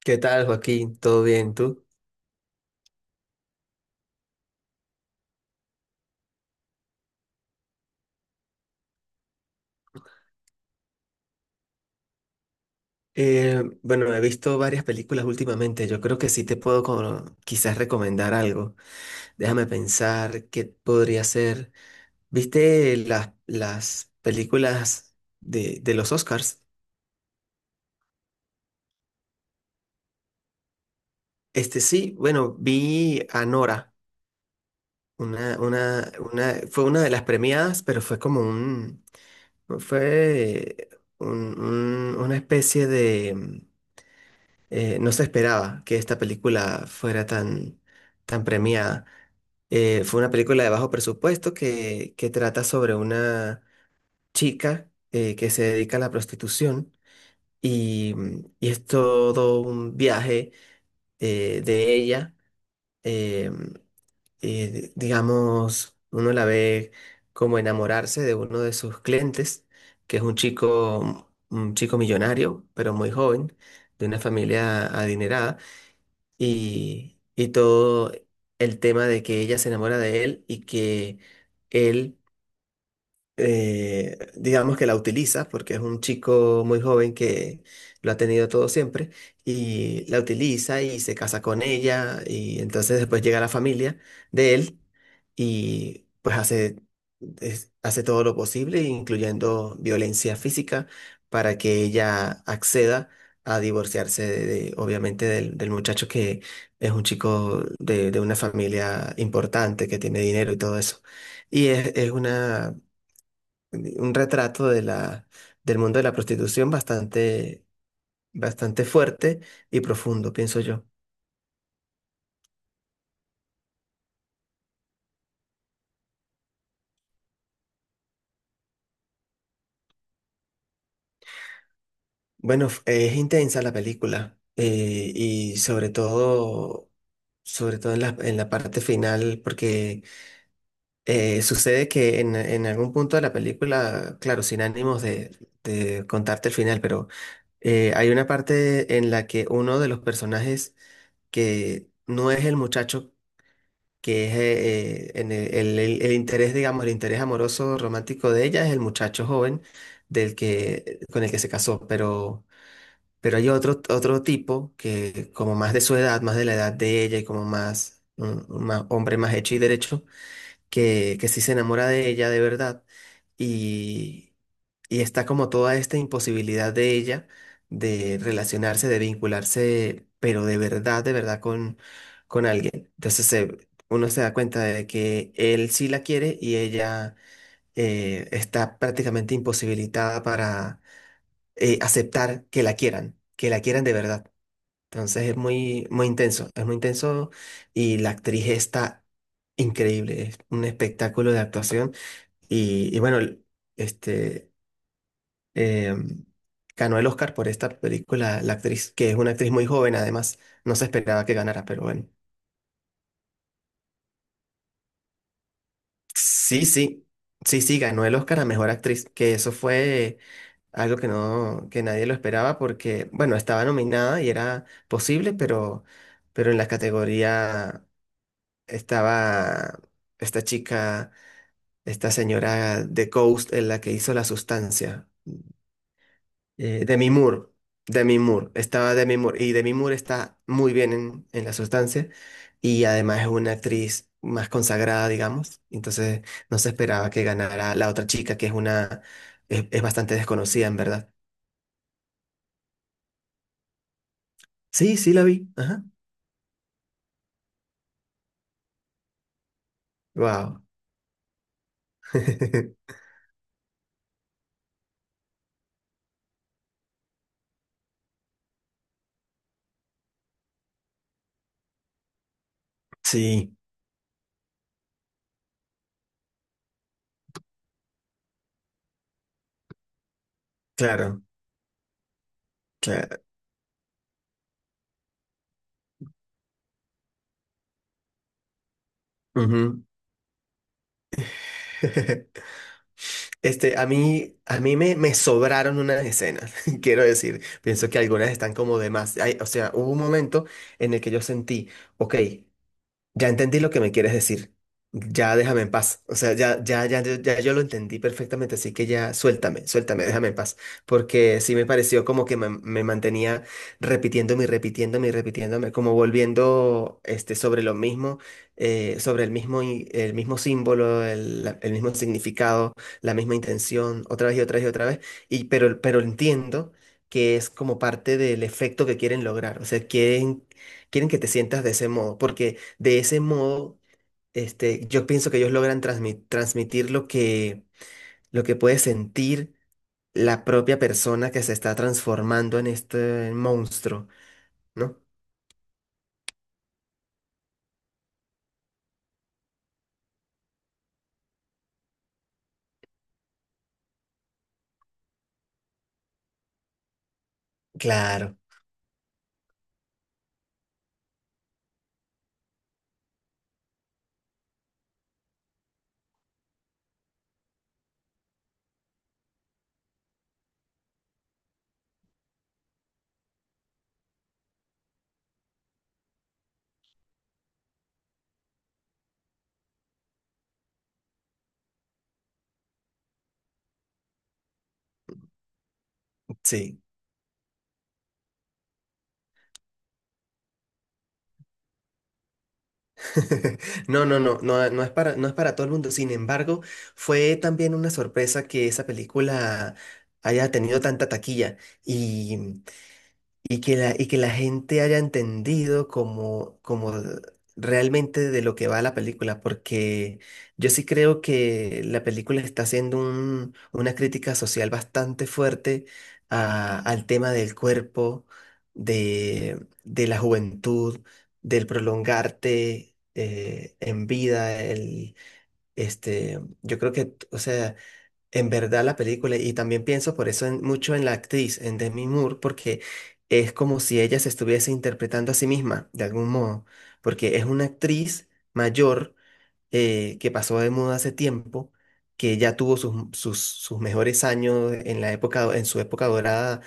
¿Qué tal, Joaquín? ¿Todo bien? ¿Tú? Bueno, he visto varias películas últimamente. Yo creo que sí te puedo como quizás recomendar algo. Déjame pensar qué podría ser. ¿Viste las películas de los Oscars? Este sí, bueno, vi a Nora. Una fue una de las premiadas, pero fue como un, fue una especie de, no se esperaba que esta película fuera tan, tan premiada. Fue una película de bajo presupuesto que trata sobre una chica que se dedica a la prostitución y, y es todo un viaje de ella. eh, digamos, uno la ve como enamorarse de uno de sus clientes, que es un chico millonario, pero muy joven, de una familia adinerada y todo el tema de que ella se enamora de él y que él digamos que la utiliza, porque es un chico muy joven que lo ha tenido todo siempre, y la utiliza y se casa con ella, y entonces después llega la familia de él y pues hace, hace todo lo posible, incluyendo violencia física, para que ella acceda a divorciarse obviamente del muchacho que es un chico de una familia importante, que tiene dinero y todo eso. Y es una un retrato del mundo de la prostitución bastante, bastante fuerte y profundo, pienso yo. Bueno, es intensa la película y sobre todo en en la parte final, porque sucede que en algún punto de la película, claro, sin ánimos de contarte el final, pero hay una parte en la que uno de los personajes que no es el muchacho que es en el interés, digamos, el interés amoroso romántico de ella es el muchacho joven del que, con el que se casó, pero hay otro, otro tipo que como más de su edad, más de la edad de ella y como más, un, hombre más hecho y derecho, que sí se enamora de ella de verdad y está como toda esta imposibilidad de ella de relacionarse, de vincularse, pero de verdad con alguien. Uno se da cuenta de que él sí la quiere y ella está prácticamente imposibilitada para aceptar que la quieran de verdad. Entonces es muy, muy intenso, es muy intenso, y la actriz está increíble, es un espectáculo de actuación. Y bueno, este, eh, ganó el Oscar por esta película, la actriz, que es una actriz muy joven además, no se esperaba que ganara, pero bueno. Sí, sí, sí, sí, ganó el Oscar a Mejor Actriz, que eso fue algo que nadie lo esperaba porque, bueno, estaba nominada y era posible, pero en la categoría estaba esta chica, esta señora de Ghost, en la que hizo La Sustancia. Eh, Demi Moore, Demi Moore, estaba Demi Moore y Demi Moore está muy bien en La Sustancia, y además es una actriz más consagrada, digamos, entonces no se esperaba que ganara la otra chica que es una, es bastante desconocida en verdad. Sí, sí la vi, ajá. Wow. Sí, claro, claro. Ujú. Este, a mí me, me sobraron unas escenas, quiero decir, pienso que algunas están como de más. O sea, hubo un momento en el que yo sentí, ok, ya entendí lo que me quieres decir. Ya déjame en paz. O sea, ya, ya, ya, ya, ya yo lo entendí perfectamente, así que ya suéltame, suéltame, déjame en paz. Porque sí me pareció como que me mantenía repitiéndome y repitiéndome y repitiéndome, como volviendo este, sobre lo mismo, sobre el mismo, el mismo símbolo, el, el mismo significado, la misma intención, otra vez y otra vez y otra vez. Y, pero entiendo que es como parte del efecto que quieren lograr. O sea, quieren, quieren que te sientas de ese modo, porque de ese modo, este, yo pienso que ellos logran transmitir lo que puede sentir la propia persona que se está transformando en este monstruo, ¿no? Claro, sí. No, no, no, no, no es para, no es para todo el mundo. Sin embargo, fue también una sorpresa que esa película haya tenido tanta taquilla. Y, y que y que la gente haya entendido como, como realmente de lo que va la película, porque yo sí creo que la película está haciendo una crítica social bastante fuerte al tema del cuerpo, de la juventud, del prolongarte en vida, el, este, yo creo que, o sea... En verdad la película, y también pienso por eso mucho en la actriz, en Demi Moore, porque es como si ella se estuviese interpretando a sí misma, de algún modo, porque es una actriz mayor que pasó de moda hace tiempo, que ya tuvo sus, sus, sus mejores años en la época, en su época dorada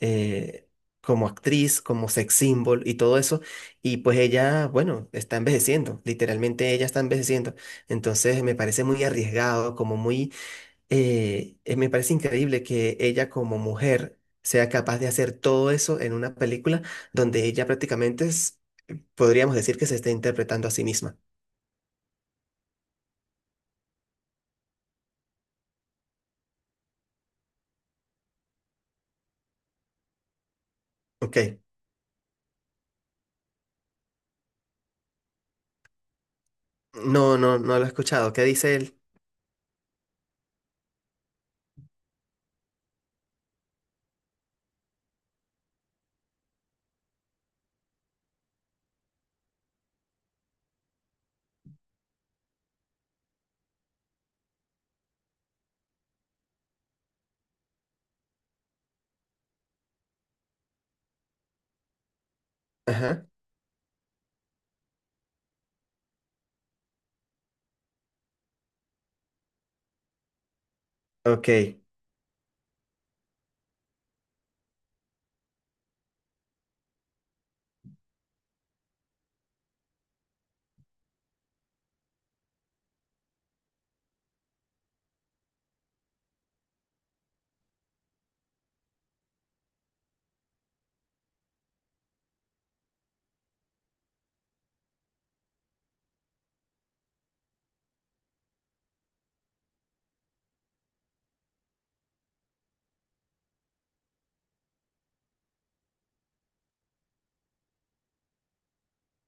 eh, como actriz, como sex symbol y todo eso, y pues ella, bueno, está envejeciendo, literalmente ella está envejeciendo, entonces me parece muy arriesgado, como muy me parece increíble que ella como mujer sea capaz de hacer todo eso en una película donde ella prácticamente es, podríamos decir que se está interpretando a sí misma. Ok. No, no, no lo he escuchado. ¿Qué dice él? Ajá. Ok.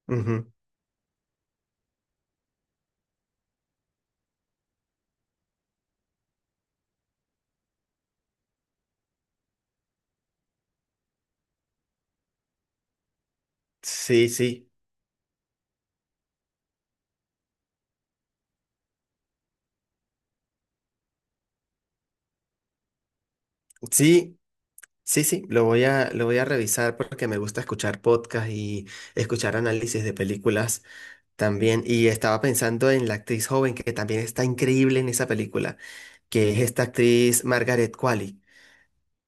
Ujú. Sí, sí. Sí, sí, sí. Lo voy a revisar porque me gusta escuchar podcasts y escuchar análisis de películas también. Y estaba pensando en la actriz joven que también está increíble en esa película, que es esta actriz Margaret Qualley,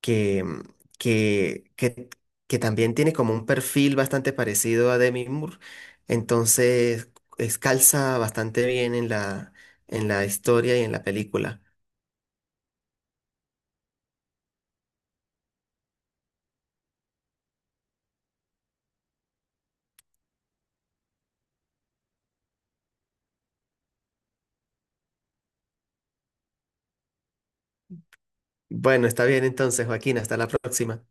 que, que, que, que también tiene como un perfil bastante parecido a Demi Moore, entonces calza bastante bien en la historia y en la película. Bueno, está bien entonces, Joaquín, hasta la próxima.